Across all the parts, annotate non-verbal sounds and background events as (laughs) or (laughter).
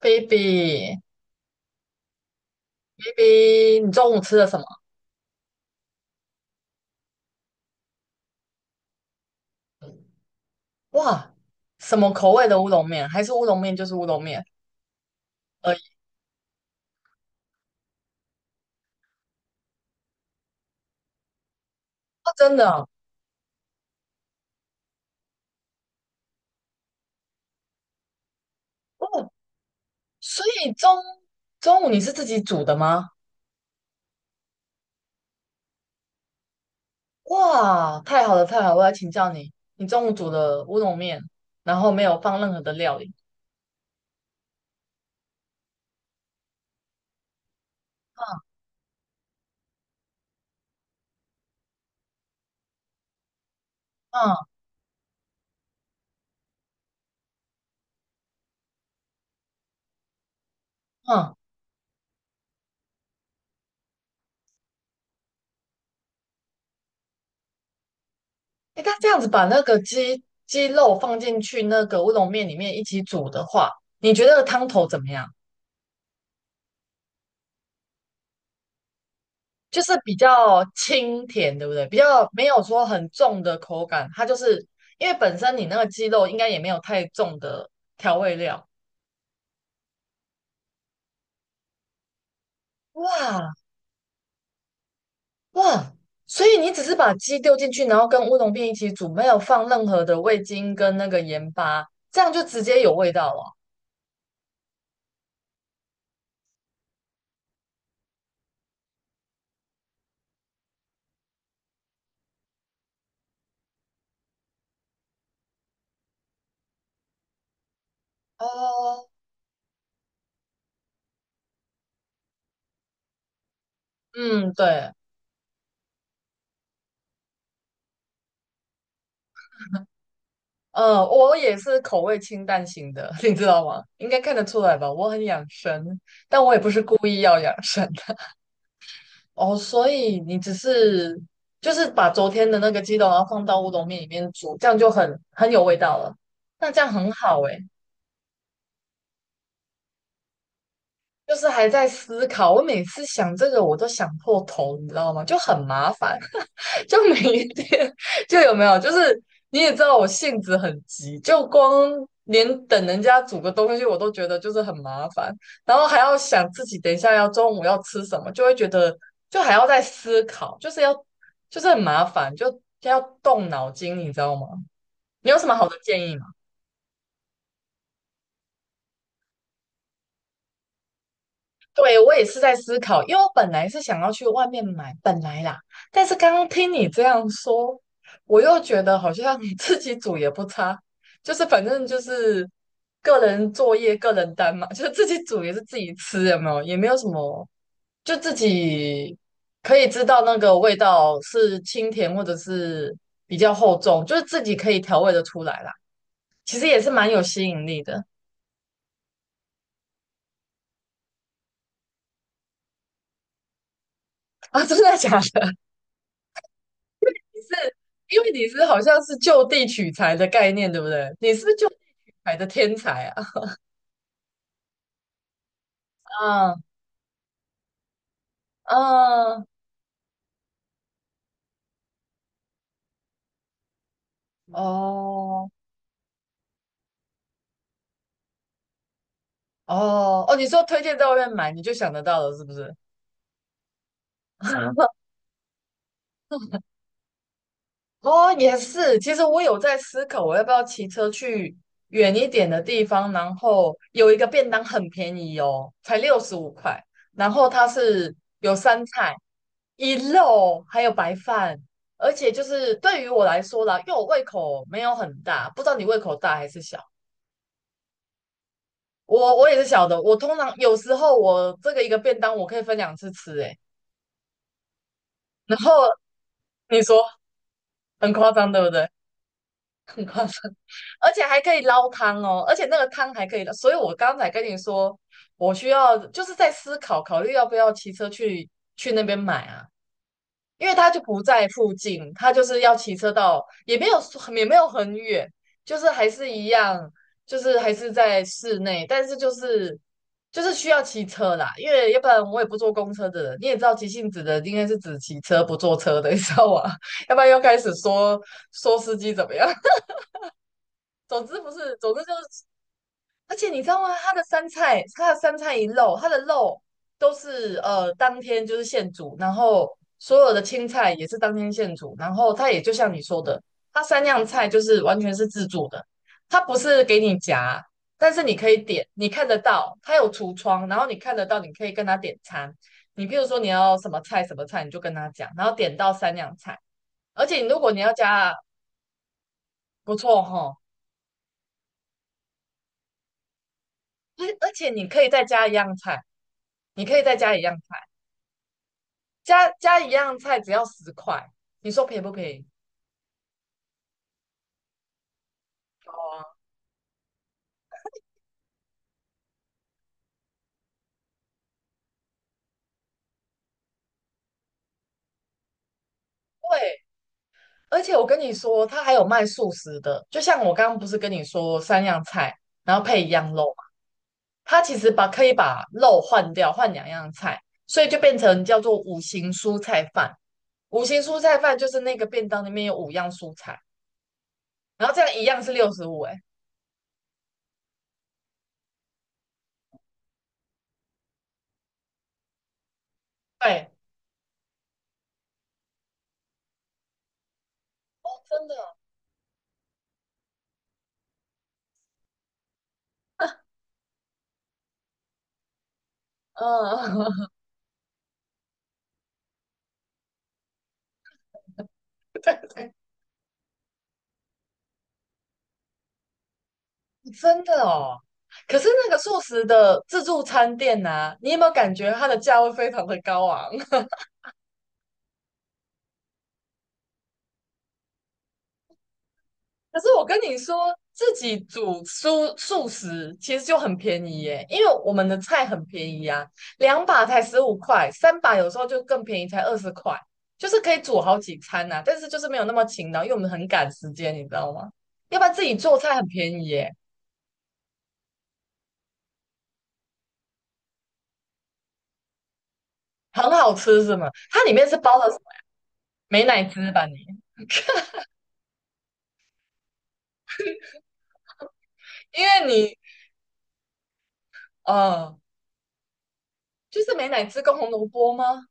，baby baby，你中午吃了什么？哇，什么口味的乌龙面？还是乌龙面就是乌龙面而已？哦，真的哦。哦，所以中午你是自己煮的吗？哇，太好了太好了，我要请教你，你中午煮的乌龙面，然后没有放任何的料理，嗯嗯嗯，诶，那这样子把那个鸡肉放进去那个乌龙面里面一起煮的话，你觉得汤头怎么样？就是比较清甜，对不对？比较没有说很重的口感，它就是因为本身你那个鸡肉应该也没有太重的调味料。哇哇，所以你只是把鸡丢进去，然后跟乌龙片一起煮，没有放任何的味精跟那个盐巴，这样就直接有味道了。哦，嗯，对，我也是口味清淡型的，(laughs) 你知道吗？应该看得出来吧？我很养生，但我也不是故意要养生。哦，所以你只是就是把昨天的那个鸡肉，然后放到乌冬面里面煮，这样就很有味道了。那这样很好诶，就是还在思考。我每次想这个，我都想破头，你知道吗？就很麻烦。(laughs) 就每一天就有没有，就是你也知道我性子很急，就光连等人家煮个东西我都觉得就是很麻烦，然后还要想自己等一下要中午要吃什么，就会觉得就还要再思考，就是要就是很麻烦，就要动脑筋，你知道吗？你有什么好的建议吗？对，我也是在思考，因为我本来是想要去外面买，本来啦，但是刚刚听你这样说，我又觉得好像 (laughs) 自己煮也不差，就是反正就是个人作业、个人单嘛，就是自己煮也是自己吃，有没有？也没有什么，就自己可以知道那个味道是清甜或者是比较厚重，就是自己可以调味的出来啦。其实也是蛮有吸引力的啊，真的假的？是因为你是好像是就地取材的概念，对不对？你是不是就地取材的天才啊？嗯嗯，哦哦哦，你说推荐在外面买，你就想得到了，是不是？(laughs) 哦，也是。其实我有在思考，我要不要骑车去远一点的地方，然后有一个便当很便宜哦，才65块。然后它是有三菜、一肉，还有白饭，而且就是对于我来说啦，因为我胃口没有很大，不知道你胃口大还是小。我也是小的，我通常有时候我这个一个便当我可以分两次吃，欸诶。然后你说很夸张，对不对？而且还可以捞汤哦，而且那个汤还可以捞。所以我刚才跟你说，我需要就是在思考考虑要不要骑车去那边买啊，因为他就不在附近，他就是要骑车到，也没有也没有很远，就是还是一样，就是还是在室内，但是就是需要骑车啦，因为要不然我也不坐公车的人，你也知道急性子的应该是只骑车不坐车的，你知道吗？(laughs) 要不然又开始说司机怎么样。总之不是，总之就是，而且你知道吗？它的三菜，它的三菜一肉，它的肉都是当天就是现煮，然后所有的青菜也是当天现煮，然后它也就像你说的，它三样菜就是完全是自助的，它不是给你夹，但是你可以点，你看得到，它有橱窗，然后你看得到，你可以跟他点餐。你比如说你要什么菜什么菜，你就跟他讲，然后点到三样菜，而且如果你要加不错哈，而且你可以再加一样菜。你可以再加一样菜，加一样菜只要十块，你说便宜不便宜？对，而且我跟你说，它还有卖素食的，就像我刚刚不是跟你说三样菜，然后配一样肉嘛，它其实把可以把肉换掉，换两样菜，所以就变成叫做五行蔬菜饭。五行蔬菜饭就是那个便当里面有五样蔬菜，然后这样一样是六十五，哎，对，真的，嗯，(laughs) 对真的哦。可是那个素食的自助餐店呐、啊你有没有感觉它的价位非常的高昂？(laughs) 可是我跟你说，自己煮蔬素食其实就很便宜耶，因为我们的菜很便宜啊，两把才十五块，三把有时候就更便宜，才20块，就是可以煮好几餐呐、啊但是就是没有那么勤劳，因为我们很赶时间，你知道吗？要不然自己做菜很便宜耶，很好吃是吗？它里面是包了什么？美乃滋吧你？因为你，嗯、就是美乃滋跟红萝卜吗？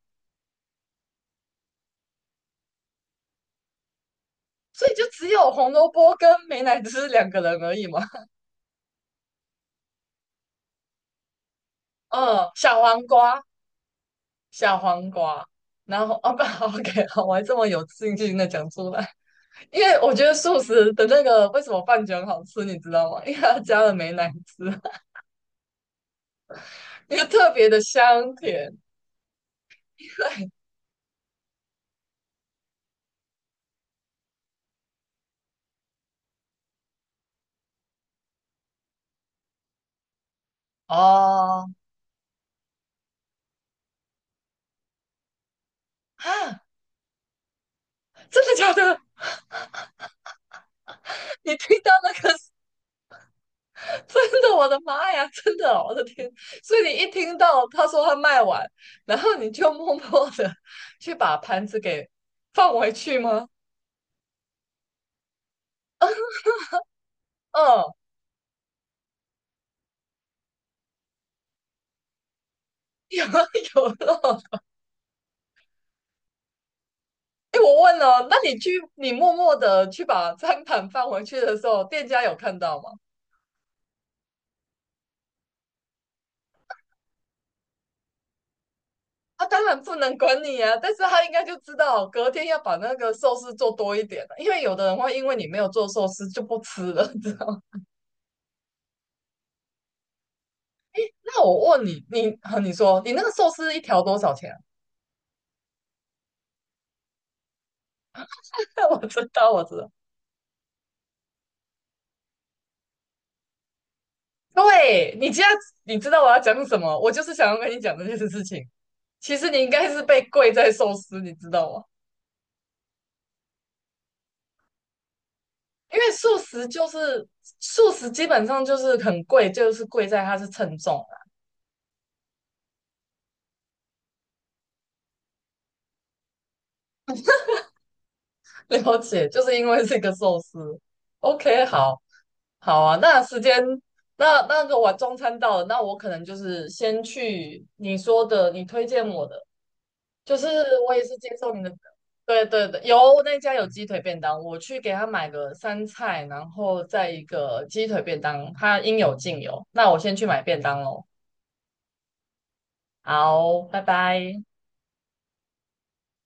所以就只有红萝卜跟美乃滋两个人而已嘛。嗯，小黄瓜，小黄瓜。然后哦不好，OK，(laughs) 好，我还这么有自信的讲出来，因为我觉得素食的那个为什么饭卷好吃，你知道吗？因为它加了美乃滋，(laughs) 因为特别的香甜。对，哦，啊，真的假的？你听到那个 (laughs) 真的，我的妈呀，(laughs) 真的哦我的天！所以你一听到他说他卖完，然后你就默默的去把盘子给放回去吗？嗯，(laughs) 有啊有啊。哎，我问了，那你去你默默的去把餐盘放回去的时候，店家有看到吗？他当然不能管你啊，但是他应该就知道隔天要把那个寿司做多一点了，因为有的人会因为你没有做寿司就不吃了，你知道吗？那我问你，你，啊你说你那个寿司一条多少钱？(laughs) 我知道，我知道。对，你这样，你知道我要讲什么？我就是想要跟你讲这件事情。其实你应该是被贵在寿司，你知道吗？因为素食就是素食，基本上就是很贵，就是贵在它是称重啊。(laughs) 了解，就是因为这个寿司。OK，好，好啊。那时间，那那个我中餐到了，那我可能就是先去你说的，你推荐我的。就是我也是接受你的，对对对，有那家有鸡腿便当，我去给他买个三菜，然后再一个鸡腿便当，他应有尽有。那我先去买便当喽，好，拜拜。